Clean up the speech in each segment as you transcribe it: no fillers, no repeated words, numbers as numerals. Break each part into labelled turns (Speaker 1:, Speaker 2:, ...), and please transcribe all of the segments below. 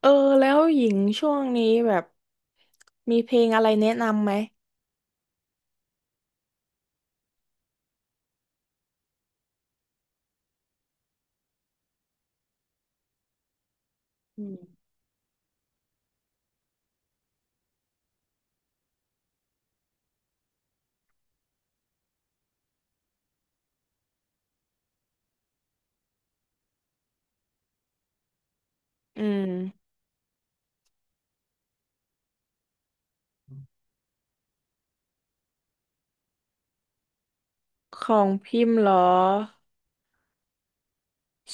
Speaker 1: เออแล้วหญิงช่วงนี้แบบมีเพลงอะไรแนะนำไหมอืมของพิมพ์เหรอ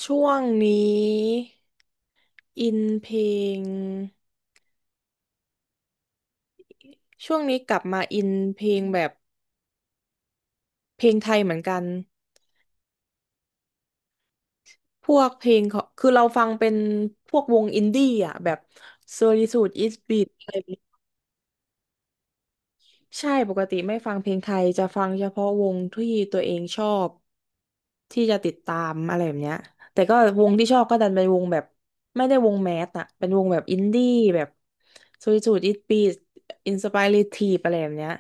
Speaker 1: ช่วงนี้อินเพลงช่วงนี้กลับมาอินเพลงแบบเพลงไทยเหมือนกันพวกเพลงของคือเราฟังเป็นพวกวงอินดี้อ่ะแบบ Solitude Is Beat ใช่ปกติไม่ฟังเพลงไทยจะฟังเฉพาะวงที่ตัวเองชอบที่จะติดตามอะไรแบบเนี้ยแต่ก็วงที่ชอบก็ดันเป็นวงแบบไม่ได้วงแมสอะเป็นวงแบบอินดี้แบบซูริจูดอิตปีอินสปายเรทีฟอะไรแบบเนี้ย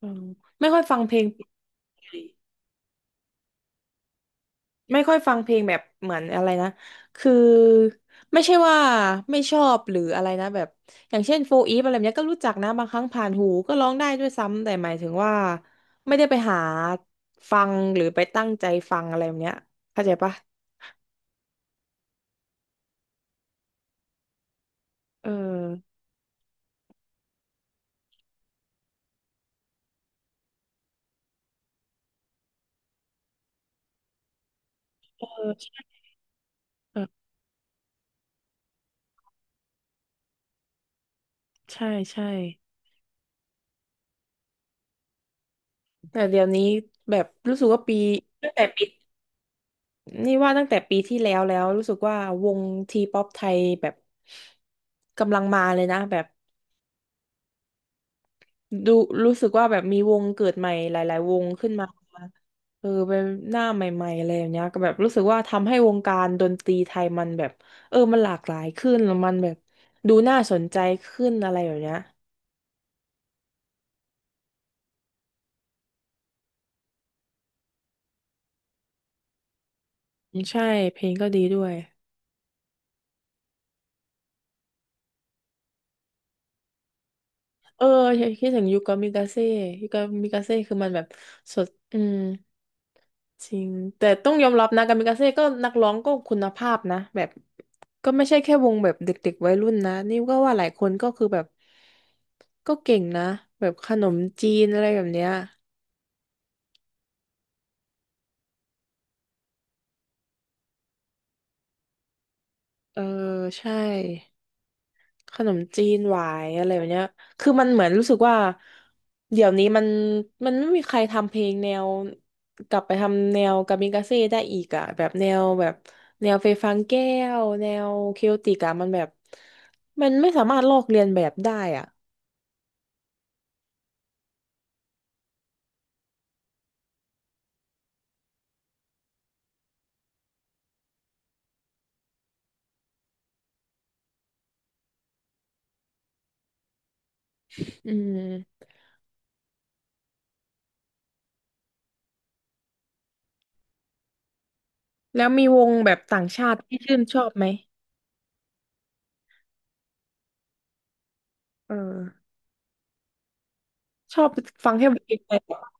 Speaker 1: อืมไม่ค่อยฟังเพลงเลย ไม่ค่อยฟังเพลงแบบเหมือนอะไรนะคือไม่ใช่ว่าไม่ชอบหรืออะไรนะแบบอย่างเช่นโฟอีฟอะไรแบบเนี้ยก็รู้จักนะบางครั้งผ่านหูก็ร้องได้ด้วยซ้ำแต่หมายถึงว่าไม่ได้ไปหาฟังหรือไปตั้งใจฟังอะไรแบบเนี้ยเข้าใจปะเออเออใช่ใช่แต่เดี๋ยวนี้แบบรู้สึกว่าปีตั้งแต่ปีนี่ว่าตั้งแต่ปีที่แล้วแล้วรู้สึกว่าวงทีป๊อปไทยแบบกำลังมาเลยนะแบบ ดูรู้สึกว่าแบบมีวงเกิดใหม่หลายๆวงขึ้นมาเออเป็นหน้าใหม่ๆอะไรอย่างเงี้ยก็แบบรู้สึกว่าทำให้วงการดนตรีไทยมันแบบเออมันหลากหลายขึ้นแล้วมันแบบดูน่าสนใจขึ้นอะไรแบบเนี้ยอืมใช่เพลงก็ดีด้วยเออคิดถึงยูกามิกาเซ่ยูกามิกาเซ่คือมันแบบสดอืมจริงแต่ต้องยอมรับนะกามิกาเซ่ก็นักร้องก็คุณภาพนะแบบ ก็ไม่ใช่แค่วงแบบเด็กๆวัยรุ่นนะนี่ก็ว่าหลายคนก็คือแบบก็เก่งนะแบบขนมจีนอะไรแบบเนี้ยเออใช่ขนมจีนหวายอะไรแบบเนี้ยคือมันเหมือนรู้สึกว่าเดี๋ยวนี้มันไม่มีใครทำเพลงแนวกลับไปทำแนวกามิกาเซ่ได้อีกอะแบบแนวแบบแนวเฟยฟางแก้วแนวเคโอติกอะมันแบบมันไม่สามารถลอกเลียนแบบได้อ่ะอืมแล้วมีวงแบบต่างชาติที่ชื่นชอบไหม เออชอบฟังแค่เพลงไทยเหรอ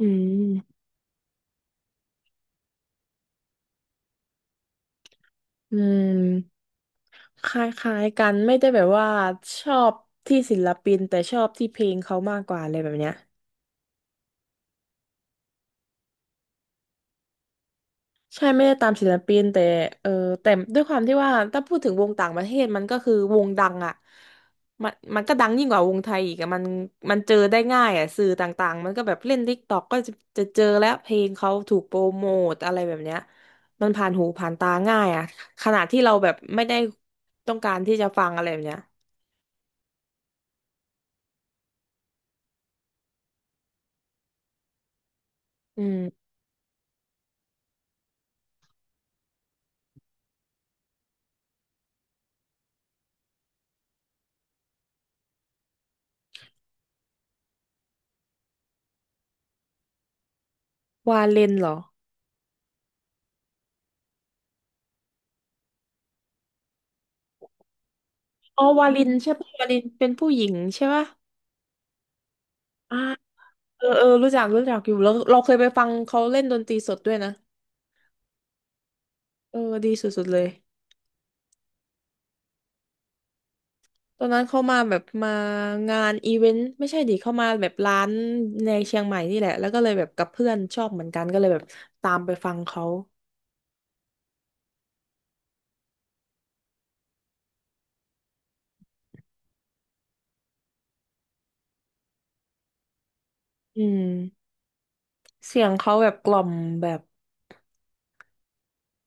Speaker 1: อืมอืมคล้ายๆกันไม่ได้แบบว่าชอบที่ศิลปินแต่ชอบที่เพลงเขามากกว่าอะไรแบบเนี้ย ใช่ไม่ได้ตามศิลปินแต่เออแต่ด้วยความที่ว่าถ้าพูดถึงวงต่างประเทศมันก็คือวงดังอ่ะมันก็ดังยิ่งกว่าวงไทยอีกอะมันมันเจอได้ง่ายอ่ะสื่อต่างๆมันก็แบบเล่น t ิ k กต k อกก็จะจะเจอแล้วเพลงเขาถูกโปรโมทอะไรแบบเนี้ยมันผ่านหูผ่านตาง่ายอ่ะขนาดที่เราแบบไม่ได้ต้องการที่จะฟังอะไรแบบเนี้ยอืมวาเลนเหรออ๋อวาลินใช่ปะวาลินเป็นผู้หญิงใช่ปะอ่าเออเออรู้จักรู้จักอยู่แล้วเราเคยไปฟังเขาเล่นดนตรีสดด้วยนะ เออดีสุดๆเลยตอนนั้นเขามาแบบมางานอีเวนต์ไม่ใช่ดิเขามาแบบร้านในเชียงใหม่นี่แหละแล้วก็เลยแบบกับเพื่อนชอบเหมือนกันก็เลยแบบตามไปฟังเขาอืมเสียงเขาแบบกล่อมแบบ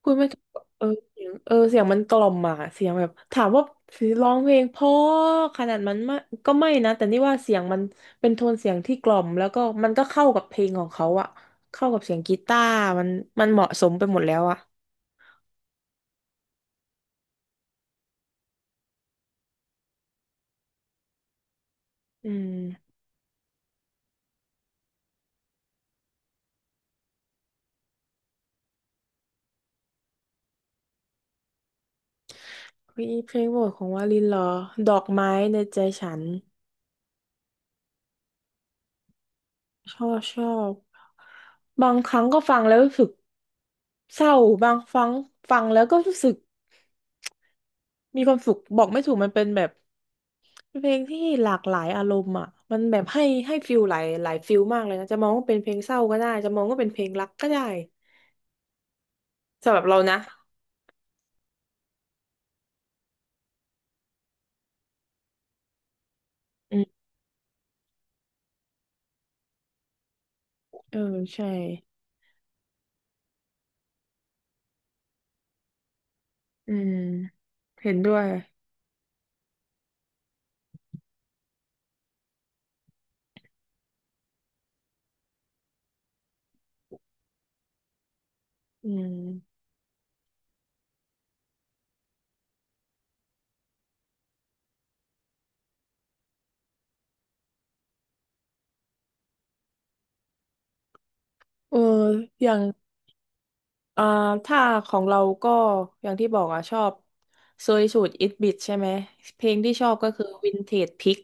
Speaker 1: พูดไม่ถูกเออเสียงเออเสียงมันกล่อมอ่ะเสียงแบบถามว่าร้องเพลงเพราะขนาดมันไม่ก็ไม่นะแต่นี่ว่าเสียงมันเป็นโทนเสียงที่กล่อมแล้วก็มันก็เข้ากับเพลงของเขาอ่ะเข้ากับเสียงกีตาร์มันมันเหมาะสมไปหมดแล้วอ่ะอืม เฮ้ยเพลงโปรดของวาลินเหรอดอกไม้ในใจฉันชอบชอบบางครั้งก็ฟังแล้วรู้สึกเศร้าบางครั้งฟังแล้วก็รู้สึกมีความสุขบอกไม่ถูกมันเป็นแบบเพลงที่หลากหลายอารมณ์อ่ะมันแบบให้ฟิลหลายหลายฟิลมากเลยนะจะมองว่าเป็นเพลงเศร้าก็ได้จะมองว่าเป็นเพลงรักก็ได้สำหรับเรานะอืมเออใช่อืมเห็นด้วยอืมเอออย่าง เอ่อถ้าของเราก็อย่างที่บอกอ่ะชอบโซยสูตรอิทบิทใช่ไหมเพลงที่ชอบก็คือวินเทจพิก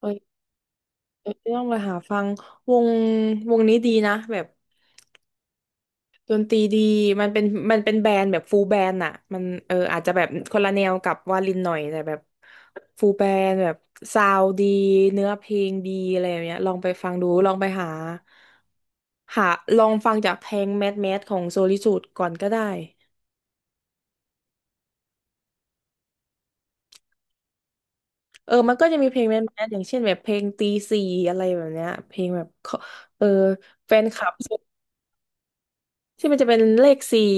Speaker 1: เอ้ยเอ้ยต้องไปหาฟังวงวงนี้ดีนะแบบดนตรีดีมันเป็นมันเป็นแบนด์แบบฟูลแบนด์อ่ะมันเอออาจจะแบบคนละแนวกับวาลินหน่อยแต่แบบฟูลแบนด์แบบซาวดีเนื้อเพลงดีอะไรแบบเนี้ยลองไปฟังดูลองไปหาหาลองฟังจากเพลงแมสแมสของโซลิสูดก่อนก็ได้ เออมันก็จะมีเพลงแมสๆอย่างเช่นแบบเพลงตีสี่อะไรแบบเนี้ย เพลงแบบเขาเออแฟนคลับที่มันจะเป็นเลขสี่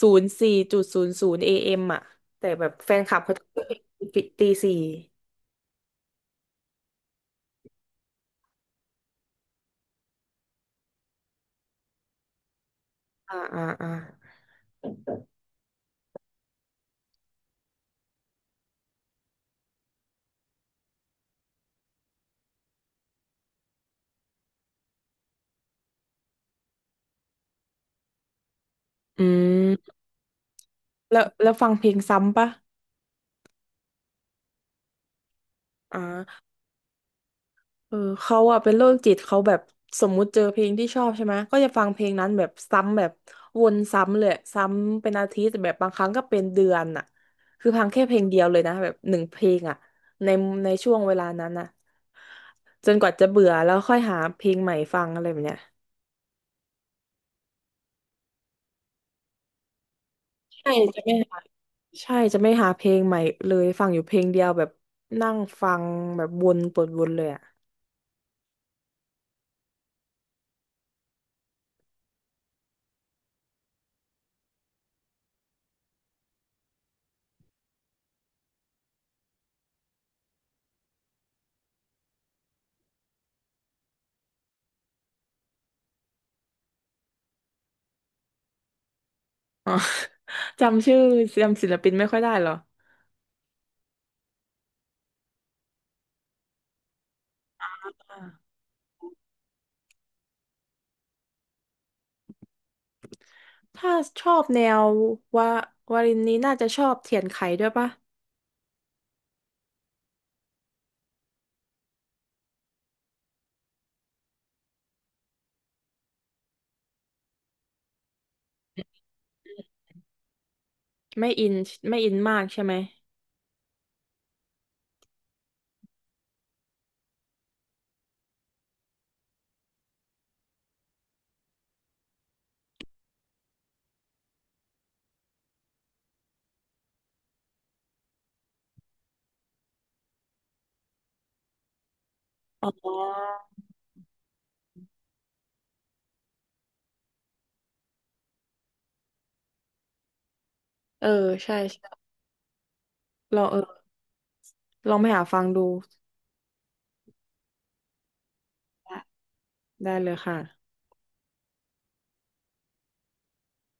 Speaker 1: 04.00 AMอ่ะแต่แบบแฟนคลับเขาจะเป็นตีสี่อ่าอ่าอ่าอืมแล้วแล้วฟังเพลงซ้ำปะอ่า เออเขาอะเป็นโรคจิตเขาแบบสมมุติเจอเพลงที่ชอบใช่ไหมก็จะฟังเพลงนั้นแบบซ้ำแบบวนซ้ำเลยซ้ำเป็นอาทิตย์แบบบางครั้งก็เป็นเดือนอะคือฟังแค่เพลงเดียวเลยนะแบบ1 เพลงอะในในช่วงเวลานั้นอะจนกว่าจะเบื่อแล้วค่อยหาเพลงใหม่ฟังอะไรแบบเนี้ยใช่จะไม่หาใช่จะไม่หาเพลงใหม่เลยฟังอยู่เพลงเดียวแบบนั่งฟังแบบวนเปิดวนเลยอะ จำชื่อจำศิลปินไม่ค่อยได้เหรอ ถ้าชอบแนวว่าวารินนี้น่าจะชอบเทียนไขด้วยปะไม่อินไม่อินมากใช่ไหมอ๋อเออใช่ใช่ลองเออลองไปหาฟังดูได้ได้เลยค่ะ